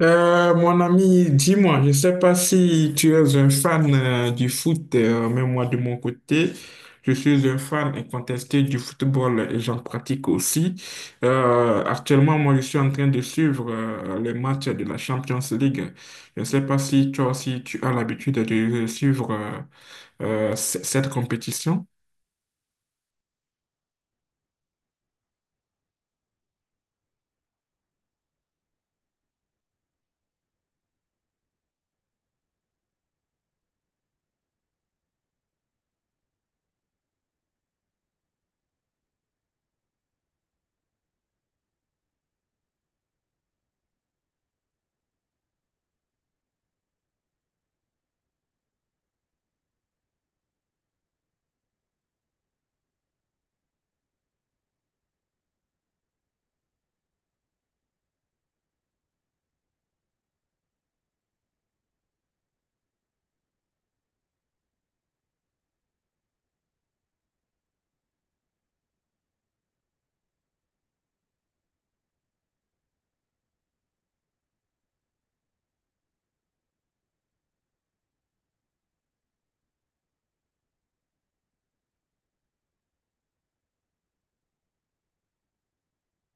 Mon ami, dis-moi, je ne sais pas si tu es un fan du foot, mais moi de mon côté, je suis un fan incontesté du football et j'en pratique aussi. Actuellement, moi, je suis en train de suivre les matchs de la Champions League. Je ne sais pas si toi aussi tu as l'habitude de suivre cette compétition.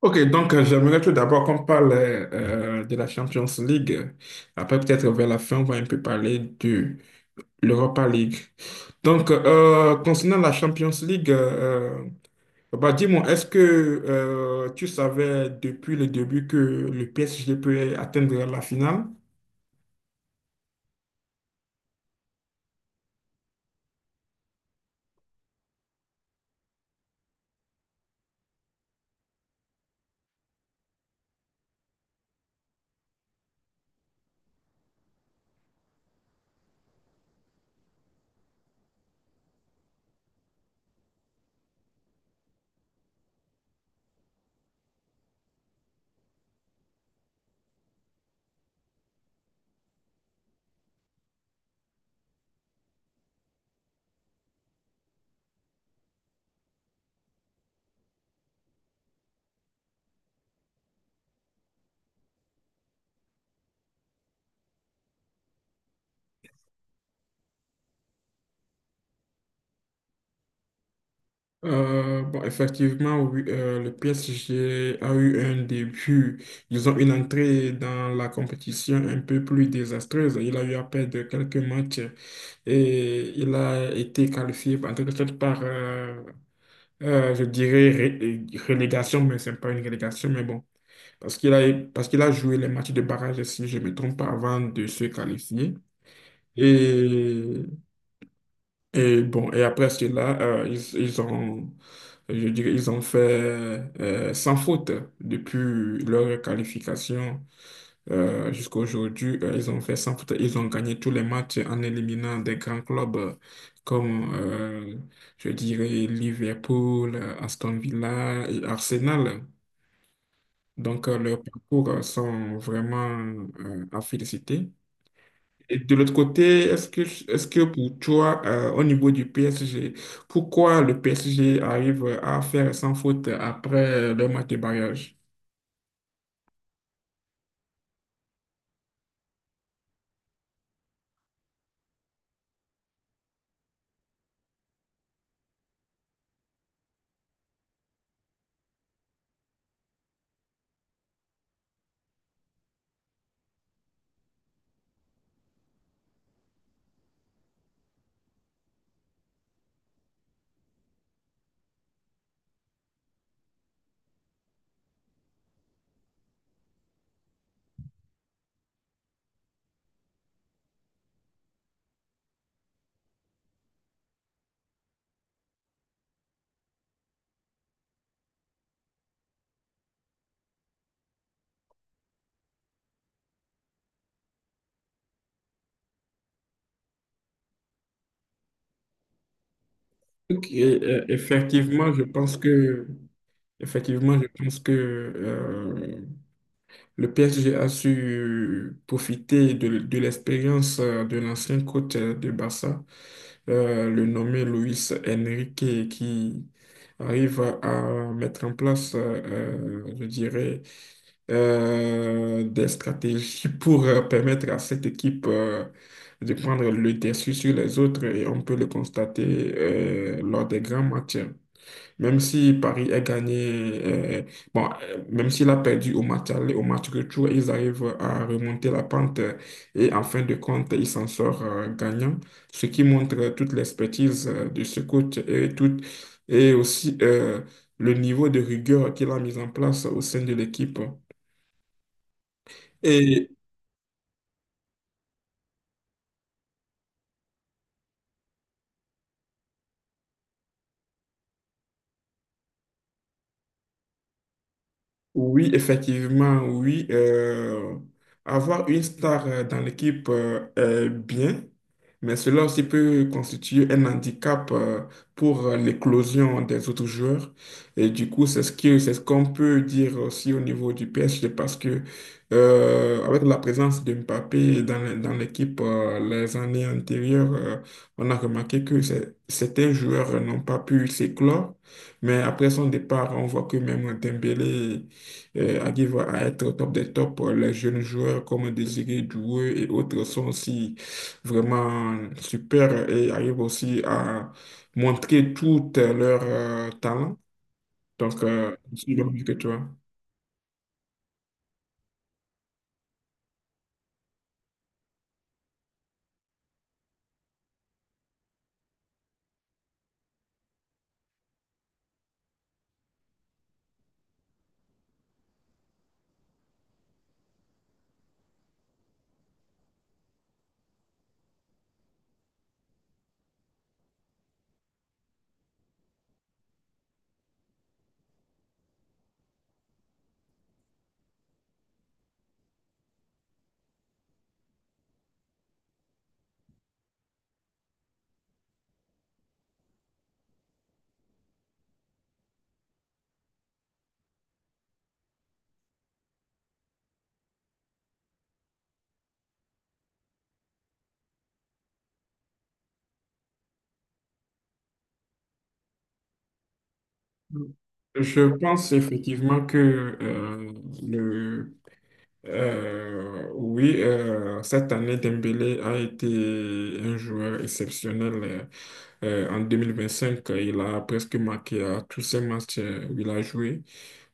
Ok, donc j'aimerais tout d'abord qu'on parle de la Champions League. Après, peut-être vers la fin, on va un peu parler de l'Europa League. Donc, concernant la Champions League, dis-moi, est-ce que tu savais depuis le début que le PSG peut atteindre la finale? Effectivement, oui, le PSG a eu un début. Ils ont une entrée dans la compétition un peu plus désastreuse. Il a eu à perdre quelques matchs et il a été qualifié en quelque sorte par, je dirais, relégation, mais c'est pas une relégation, mais bon, parce qu'il a, parce qu'il a joué les matchs de barrage, si je ne me trompe pas, avant de se qualifier. Et, et bon, et après cela, ils ont, je dirais, ils ont fait sans faute depuis leur qualification jusqu'à aujourd'hui. Ils ont fait sans faute. Ils ont gagné tous les matchs en éliminant des grands clubs comme je dirais, Liverpool, Aston Villa et Arsenal. Donc, leurs parcours sont vraiment à féliciter. Et de l'autre côté, est-ce que pour toi, au niveau du PSG, pourquoi le PSG arrive à faire sans faute après le match de barrage? Effectivement, je pense que, effectivement, je pense que le PSG a su profiter de l'expérience de l'ancien coach de Barça, le nommé Luis Enrique qui arrive à mettre en place, je dirais, des stratégies pour permettre à cette équipe de prendre le dessus sur les autres et on peut le constater lors des grands matchs. Même si Paris a gagné, même s'il a perdu au match aller, au match retour, ils arrivent à remonter la pente et en fin de compte, ils s'en sortent gagnants, ce qui montre toute l'expertise de ce coach et, tout, et aussi le niveau de rigueur qu'il a mis en place au sein de l'équipe. Et Oui, effectivement, oui. Avoir une star dans l'équipe est bien, mais cela aussi peut constituer un handicap pour l'éclosion des autres joueurs. Et du coup, c'est ce que, c'est ce qu'on peut dire aussi au niveau du PSG parce que avec la présence de Mbappé dans, dans l'équipe les années antérieures, on a remarqué que certains joueurs n'ont pas pu s'éclore. Mais après son départ, on voit que même Dembélé arrivent à être au top des tops. Les jeunes joueurs comme Désiré Doué et autres sont aussi vraiment super et arrivent aussi à montrer tout leur talent. Donc, je suis le même que toi. Je pense effectivement que euh, le oui, cette année, Dembélé a été un joueur exceptionnel. Euh, En cinq il a presque marqué à tous ses matchs où il a joué,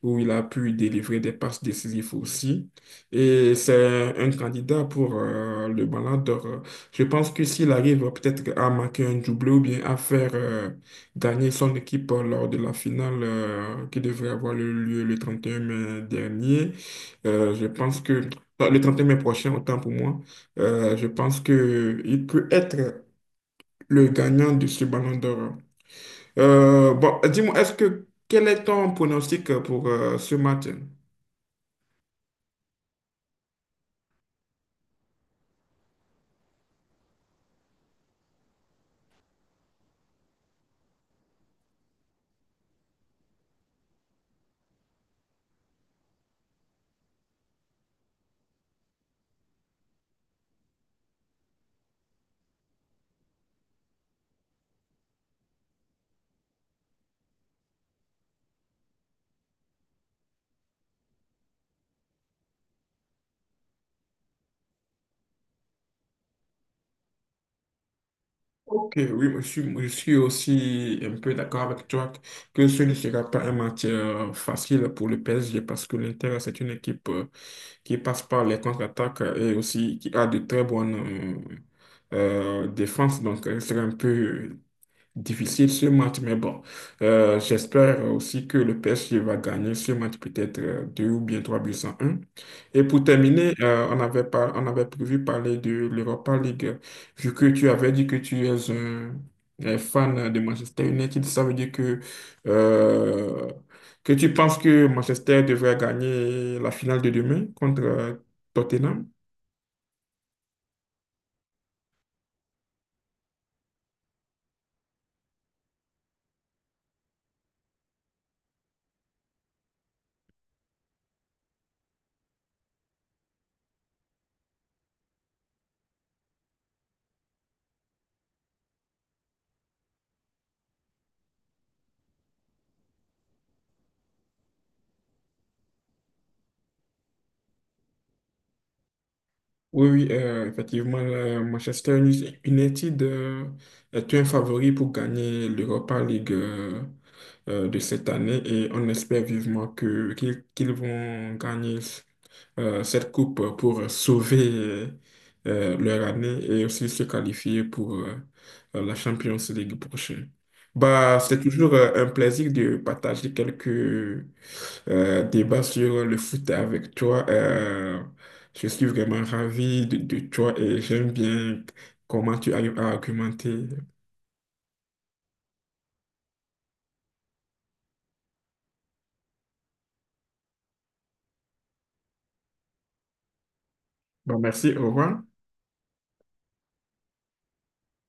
où il a pu délivrer des passes décisives aussi. Et c'est un candidat pour le Ballon d'Or. Je pense que s'il arrive peut-être à marquer un doublé ou bien à faire gagner son équipe lors de la finale qui devrait avoir lieu le 31 mai dernier, je pense que non, le 31 mai prochain, autant pour moi, je pense que il peut être le gagnant de ce Ballon d'Or. Dis-moi, est-ce que quel est ton pronostic pour ce match? Ok, oui, moi, je suis aussi un peu d'accord avec toi que ce ne sera pas un match facile pour le PSG parce que l'Inter, c'est une équipe qui passe par les contre-attaques et aussi qui a de très bonnes défenses. Donc, ce sera un peu difficile ce match, mais bon, j'espère aussi que le PSG va gagner ce match, peut-être deux ou bien trois buts à un. Et pour terminer, on avait prévu parler de l'Europa League, vu que tu avais dit que tu es un fan de Manchester United, ça veut dire euh, que tu penses que Manchester devrait gagner la finale de demain contre Tottenham? Oui, oui, effectivement, le Manchester United est un favori pour gagner l'Europa League de cette année et on espère vivement que qu'ils qu'ils vont gagner cette coupe pour sauver leur année et aussi se qualifier pour la Champions League prochaine. Bah, c'est toujours un plaisir de partager quelques débat sur le foot avec toi. Je suis vraiment ravi de toi et j'aime bien comment tu arrives à argumenter. Bon, merci, au revoir.